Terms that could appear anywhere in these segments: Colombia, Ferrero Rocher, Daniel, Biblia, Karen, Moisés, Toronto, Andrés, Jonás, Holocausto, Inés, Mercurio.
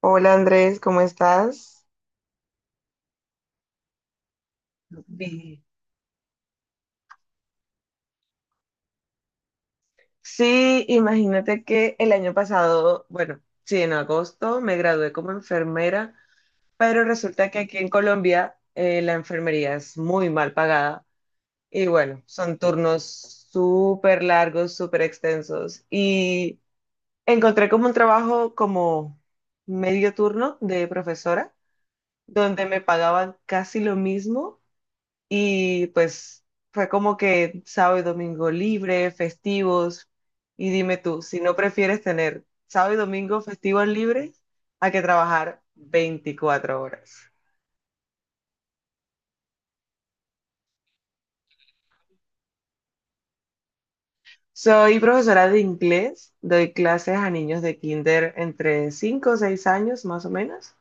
Hola Andrés, ¿cómo estás? Bien. Sí, imagínate que el año pasado, bueno, sí, en agosto me gradué como enfermera, pero resulta que aquí en Colombia la enfermería es muy mal pagada y bueno, son turnos súper largos, súper extensos y encontré como un trabajo como medio turno de profesora, donde me pagaban casi lo mismo. Y pues fue como que sábado y domingo libre, festivos. Y dime tú, si no prefieres tener sábado y domingo festivos libres, a que trabajar 24 horas. Soy profesora de inglés, doy clases a niños de kinder entre 5 o 6 años más o menos,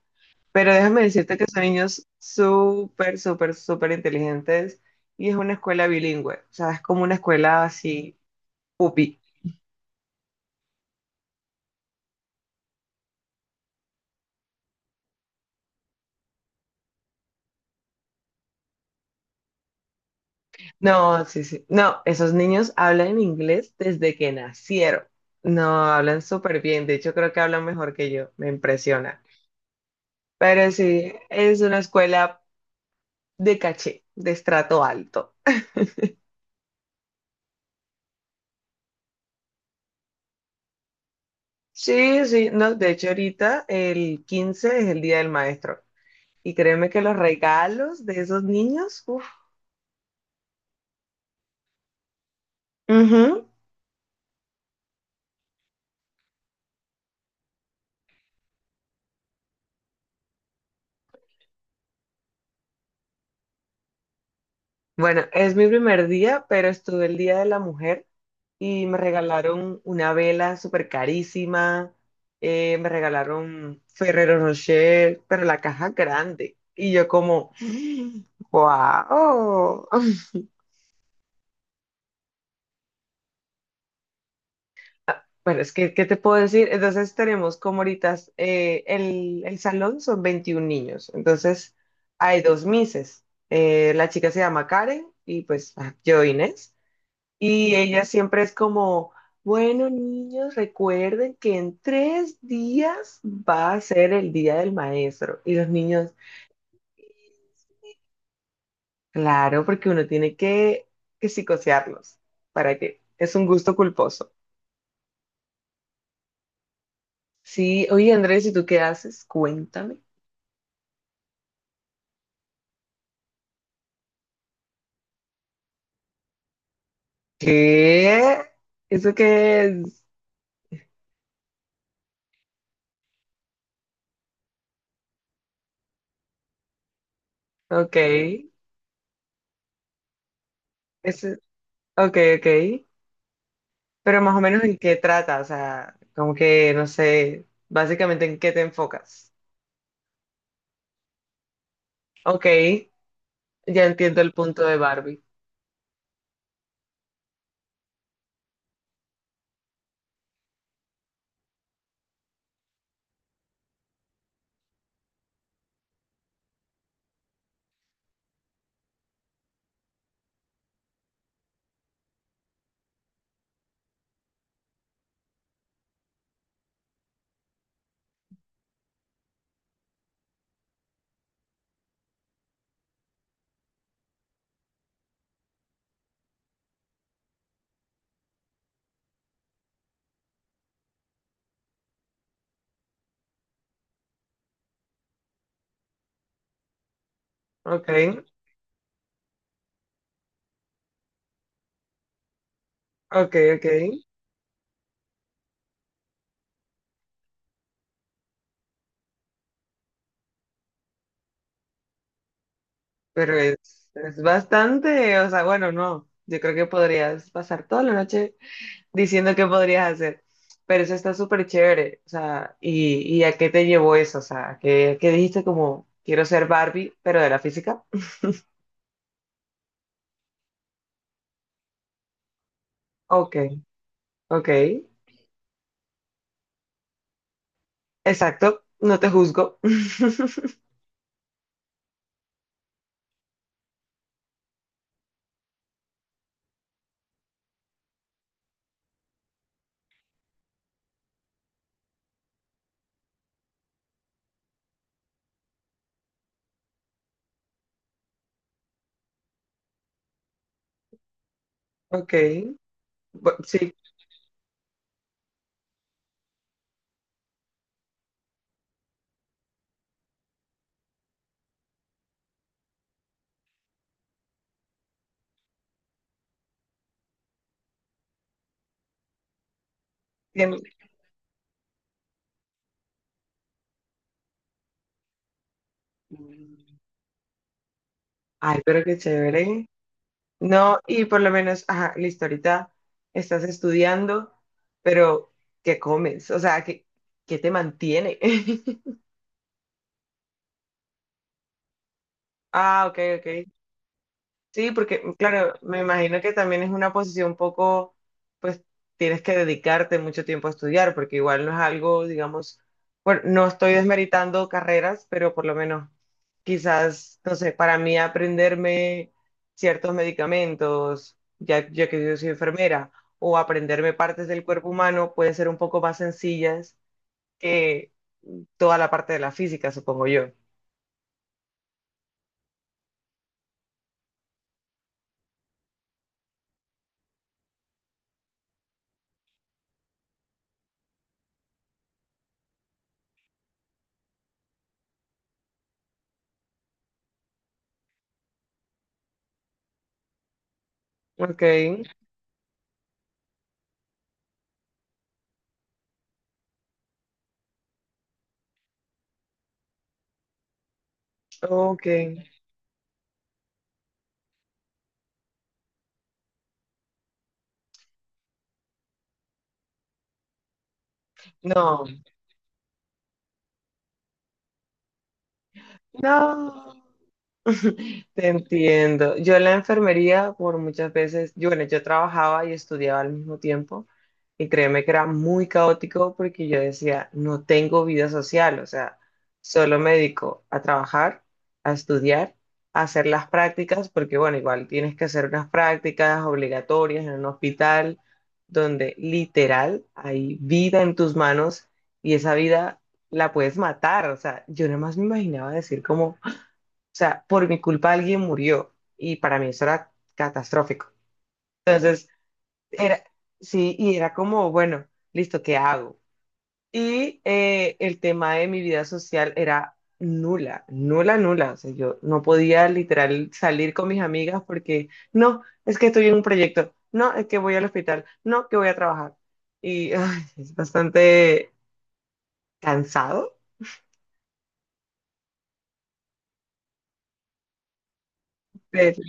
pero déjame decirte que son niños súper, súper, súper inteligentes y es una escuela bilingüe, o sea, es como una escuela así, pupi. No, sí, sí. No, esos niños hablan inglés desde que nacieron. No, hablan súper bien. De hecho, creo que hablan mejor que yo. Me impresiona. Pero sí, es una escuela de caché, de estrato alto. Sí, sí. No, de hecho, ahorita el 15 es el Día del Maestro. Y créeme que los regalos de esos niños, uff. Bueno, es mi primer día, pero estuve el Día de la Mujer y me regalaron una vela súper carísima, me regalaron Ferrero Rocher, pero la caja grande. Y yo como, wow. Bueno, es que, ¿qué te puedo decir? Entonces tenemos como ahorita el salón son 21 niños, entonces hay dos mises. La chica se llama Karen y pues ah, yo Inés. Y ella siempre es como, bueno, niños, recuerden que en tres días va a ser el día del maestro. Y los niños, claro, porque uno tiene que psicosearlos. ¿Para qué? Es un gusto culposo. Sí, oye, Andrés, ¿y tú qué haces? Cuéntame. ¿Qué? ¿Eso qué es? Ok. Eso, ok, ok. Pero más o menos en qué trata, o sea, como que, no sé, básicamente en qué te enfocas. Ok. Ya entiendo el punto de Barbie. Ok, ok, ok. Pero es bastante, o sea, bueno, no. Yo creo que podrías pasar toda la noche diciendo qué podrías hacer. Pero eso está súper chévere. O sea, y a qué te llevó eso? O sea, a qué dijiste como quiero ser Barbie, pero de la física? Ok, ok. Exacto. No te juzgo. Ok. bu- sí, tiene- Ay, pero qué chévere. No, y por lo menos, ajá, listo, ahorita estás estudiando, pero ¿qué comes? O sea, ¿qué, qué te mantiene? Ah, ok, ok. Sí, porque mm, claro, me imagino que también es una posición un poco, pues tienes que dedicarte mucho tiempo a estudiar, porque igual no es algo, digamos, bueno, no estoy desmeritando carreras, pero por lo menos quizás, no sé, para mí aprenderme ciertos medicamentos, ya que yo soy enfermera, o aprenderme partes del cuerpo humano pueden ser un poco más sencillas que toda la parte de la física, supongo yo. Ok, ok. No, no. Te entiendo. Yo en la enfermería, por muchas veces, yo, bueno, yo trabajaba y estudiaba al mismo tiempo y créeme que era muy caótico porque yo decía, no tengo vida social, o sea, solo me dedico a trabajar, a estudiar, a hacer las prácticas, porque bueno, igual tienes que hacer unas prácticas obligatorias en un hospital donde literal hay vida en tus manos y esa vida la puedes matar, o sea, yo nada más me imaginaba decir como o sea, por mi culpa alguien murió y para mí eso era catastrófico. Entonces, era, sí, y era como, bueno, listo, ¿qué hago? Y el tema de mi vida social era nula, nula, nula. O sea, yo no podía literal salir con mis amigas porque, no, es que estoy en un proyecto, no, es que voy al hospital, no, que voy a trabajar. Y ay, es bastante cansado, pero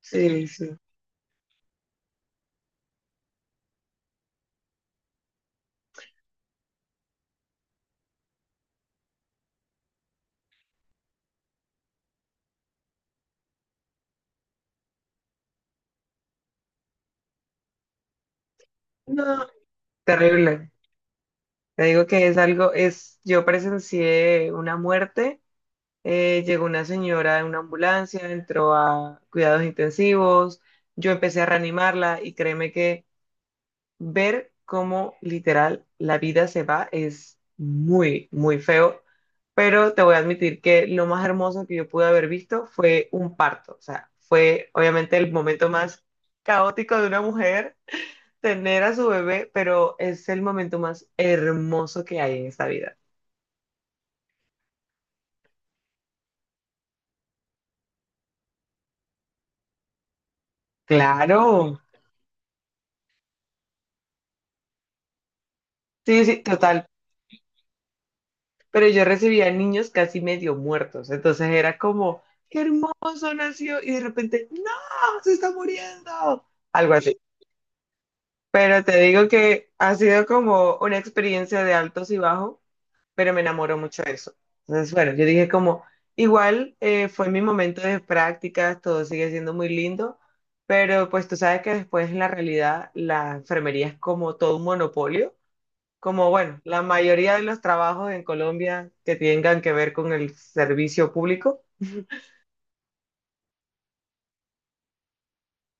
sí, sí. No, terrible. Te digo que es algo, es, yo presencié una muerte, llegó una señora en una ambulancia, entró a cuidados intensivos, yo empecé a reanimarla y créeme que ver cómo literal la vida se va es muy, muy feo, pero te voy a admitir que lo más hermoso que yo pude haber visto fue un parto, o sea, fue obviamente el momento más caótico de una mujer. Tener a su bebé, pero es el momento más hermoso que hay en esta vida. Claro, sí, sí, total. Pero yo recibía niños casi medio muertos, entonces era como, qué hermoso nació, y de repente, no, se está muriendo, algo así. Pero te digo que ha sido como una experiencia de altos y bajos, pero me enamoró mucho de eso. Entonces, bueno, yo dije como, igual fue mi momento de prácticas, todo sigue siendo muy lindo, pero pues tú sabes que después en la realidad la enfermería es como todo un monopolio. Como bueno, la mayoría de los trabajos en Colombia que tengan que ver con el servicio público,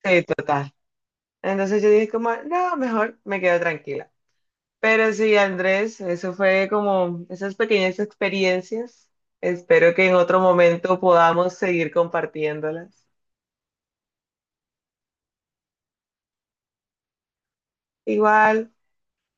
sí, total. Entonces yo dije como, no, mejor me quedo tranquila. Pero sí, Andrés, eso fue como esas pequeñas experiencias. Espero que en otro momento podamos seguir compartiéndolas. Igual.